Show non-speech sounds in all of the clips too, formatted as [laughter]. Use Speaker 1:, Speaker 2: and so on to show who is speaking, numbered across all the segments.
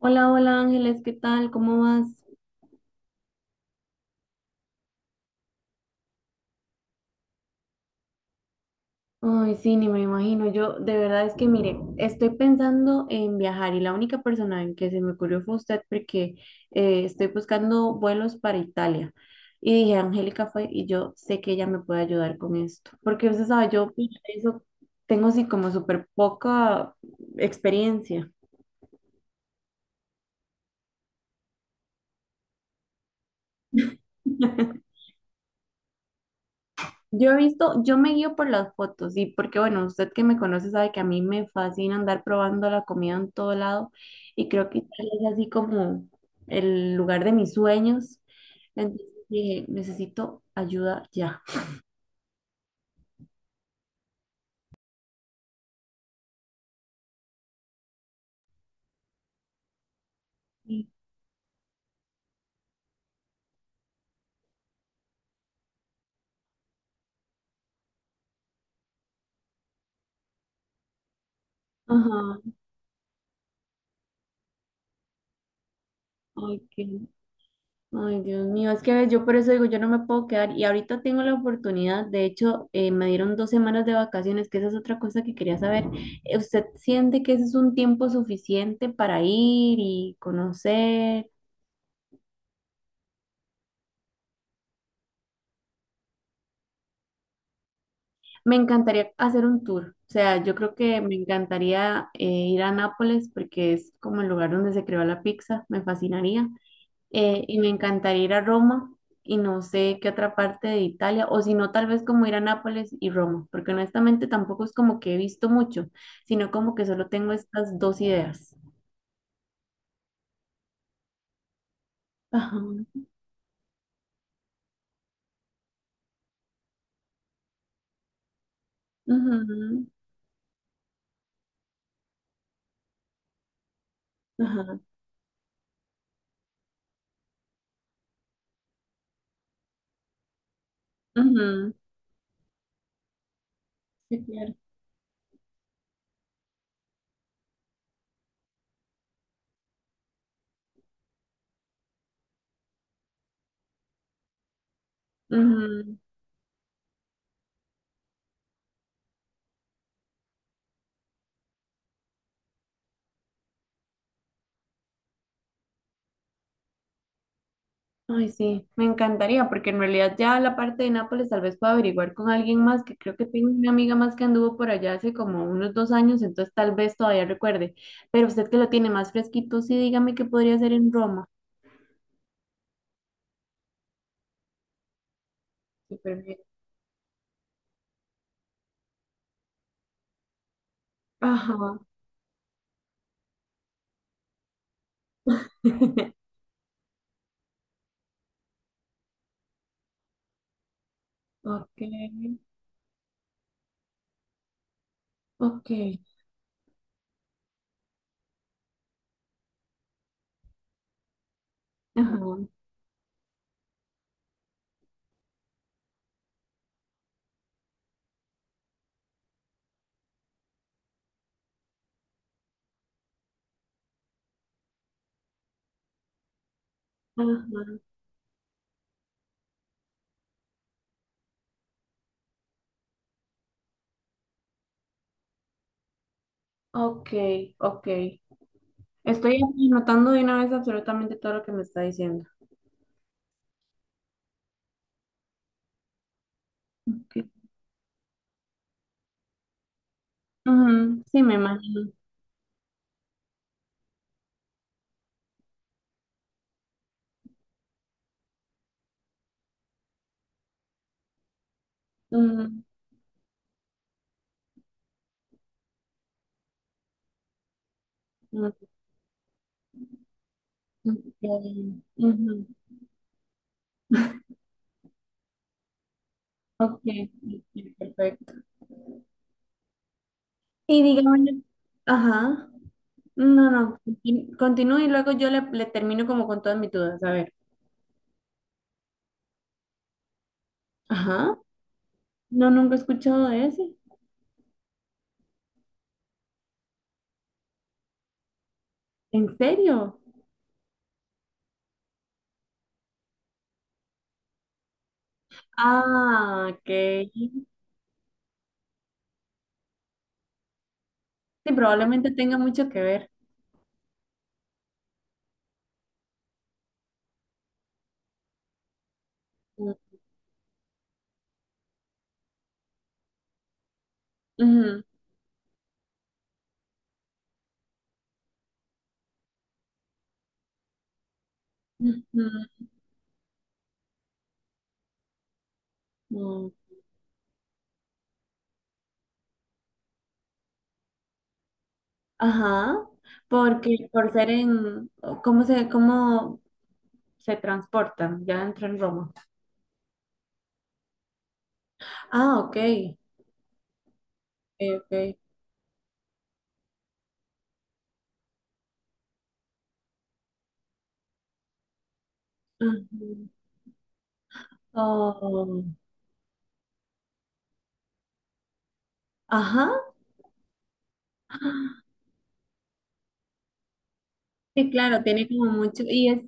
Speaker 1: Hola, hola Ángeles, ¿qué tal? ¿Cómo vas? Ay, sí, ni me imagino. Yo de verdad es que, mire, estoy pensando en viajar y la única persona en que se me ocurrió fue usted porque estoy buscando vuelos para Italia. Y dije, Angélica fue y yo sé que ella me puede ayudar con esto. Porque usted sabe, yo para eso tengo así como súper poca experiencia. [laughs] Yo he visto, yo me guío por las fotos y porque, bueno, usted que me conoce sabe que a mí me fascina andar probando la comida en todo lado y creo que Italia es así como el lugar de mis sueños. Entonces dije, necesito ayuda ya. Sí. Ajá, ok. Ay, Dios mío, es que ves, yo por eso digo, yo no me puedo quedar y ahorita tengo la oportunidad, de hecho, me dieron dos semanas de vacaciones, que esa es otra cosa que quería saber. ¿Usted siente que ese es un tiempo suficiente para ir y conocer? Me encantaría hacer un tour, o sea, yo creo que me encantaría ir a Nápoles porque es como el lugar donde se creó la pizza, me fascinaría. Y me encantaría ir a Roma y no sé qué otra parte de Italia, o si no, tal vez como ir a Nápoles y Roma, porque honestamente tampoco es como que he visto mucho, sino como que solo tengo estas dos ideas. Ajá, ujú, ajá, ujú, sí, claro. Ujú. Ay, sí, me encantaría, porque en realidad ya la parte de Nápoles tal vez pueda averiguar con alguien más, que creo que tengo una amiga más que anduvo por allá hace como unos dos años, entonces tal vez todavía recuerde. Pero usted que lo tiene más fresquito, sí, dígame qué podría hacer en Roma. Súper bien. Ajá. [laughs] Ok, ok. Ajá. Ajá. Ok, ok. Estoy anotando de una vez absolutamente todo lo que me está diciendo. Ok. Ujú, sí, me imagino. Ujú, ujú, ujú, ok, ok, perfecto. Y dígame, ajá. No, no. Continúe y luego yo le termino como con todas mis dudas. A ver. Ajá. No, nunca he escuchado de ese. ¿En serio? Ah, ok. Sí, probablemente tenga mucho que ver. Mm, ujú, ujú, mm, ajá, porque por ser en, cómo se transportan? Ya entró en Roma. Ah, ok, ok, ok. Ujú. Oh, ajá, sí, claro, tiene como mucho, y es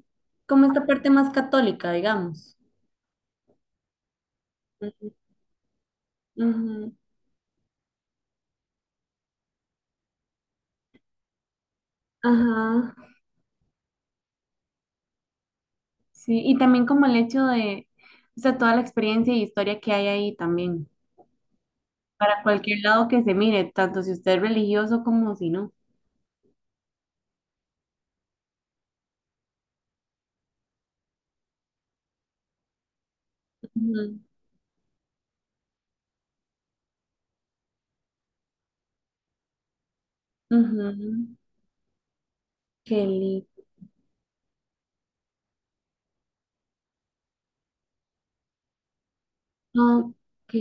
Speaker 1: como esta parte más católica, digamos. Ujú, ujú, ajá, sí, y también como el o sea, toda la experiencia y historia que hay ahí también. Para cualquier lado que se mire, tanto si usted es religioso como si no. Ujú, ujú. Qué lindo. Ok.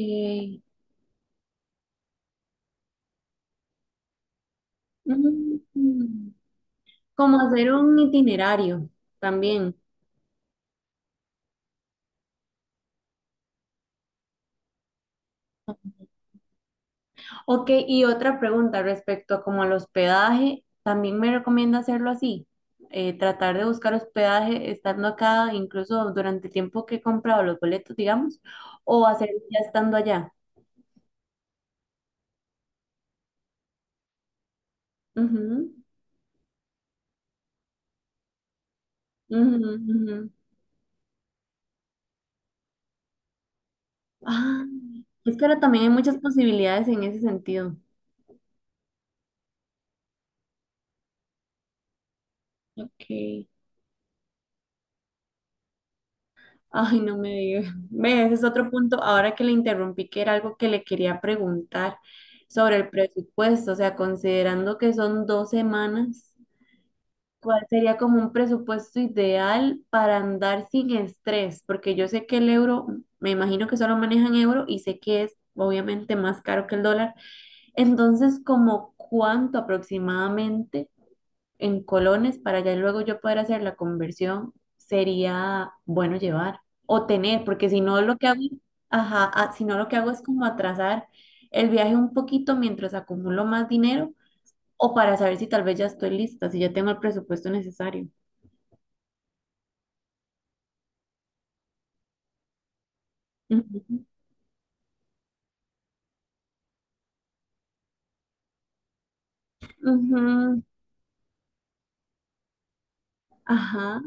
Speaker 1: Mm, como hacer un itinerario también. Ok, y otra pregunta respecto a como al hospedaje, ¿también me recomienda hacerlo así? Tratar de buscar hospedaje estando acá, incluso durante el tiempo que he comprado los boletos, digamos, o hacerlo ya estando allá. Ujú, ujú, ujú. Ah, es que ahora también hay muchas posibilidades en ese sentido. Ok. Ay, no me digas. Ve, ese es otro punto. Ahora que le interrumpí, que era algo que le quería preguntar sobre el presupuesto. O sea, considerando que son dos semanas, ¿cuál sería como un presupuesto ideal para andar sin estrés? Porque yo sé que el euro, me imagino que solo manejan euro y sé que es obviamente más caro que el dólar. Entonces, ¿como cuánto aproximadamente? En colones para ya luego yo poder hacer la conversión, sería bueno llevar o tener, porque si no lo que hago, ajá, ah, si no lo que hago es como atrasar el viaje un poquito mientras acumulo más dinero o para saber si tal vez ya estoy lista, si ya tengo el presupuesto necesario. Ujú, ujú, ajá,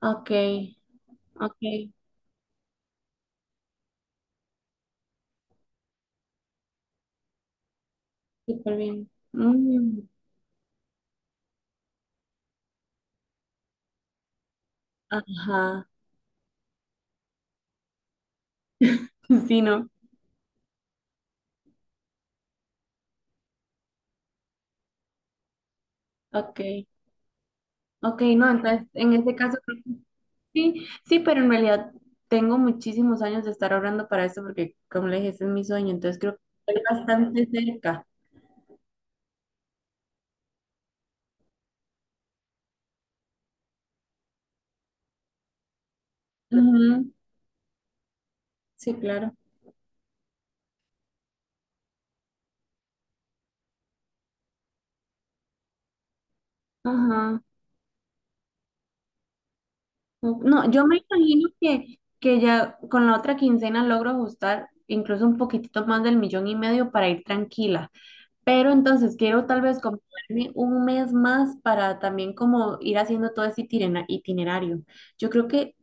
Speaker 1: ok, ok, súper bien. Mm, ajá, [laughs] sí, no, ok, ok, no, entonces en este caso creo sí, sí, pero en realidad tengo muchísimos años de estar orando para esto porque, como le dije, ese es mi sueño, entonces creo que estoy bastante cerca. Ujú, sí, claro. Ajá. Ok. No, yo me imagino que ya con la otra quincena logro ajustar incluso un poquitito más del millón y medio para ir tranquila, pero entonces quiero tal vez comprarme un mes más para también como ir haciendo todo ese itinerario. Yo creo que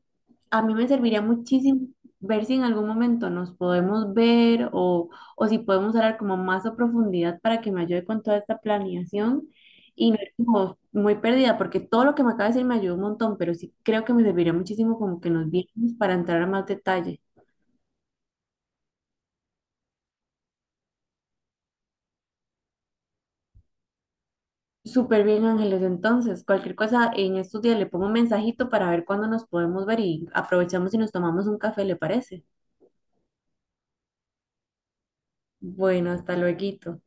Speaker 1: a mí me serviría muchísimo ver si en algún momento nos podemos ver o si podemos hablar como más a profundidad para que me ayude con toda esta planeación y no ir como muy perdida, porque todo lo que me acaba de decir me ayudó un montón, pero sí creo que me serviría muchísimo como que nos viéramos para entrar a más detalle. Súper bien, Ángeles. Entonces, cualquier cosa en estos días le pongo un mensajito para ver cuándo nos podemos ver y aprovechamos y nos tomamos un café, ¿le parece? Bueno, hasta luego.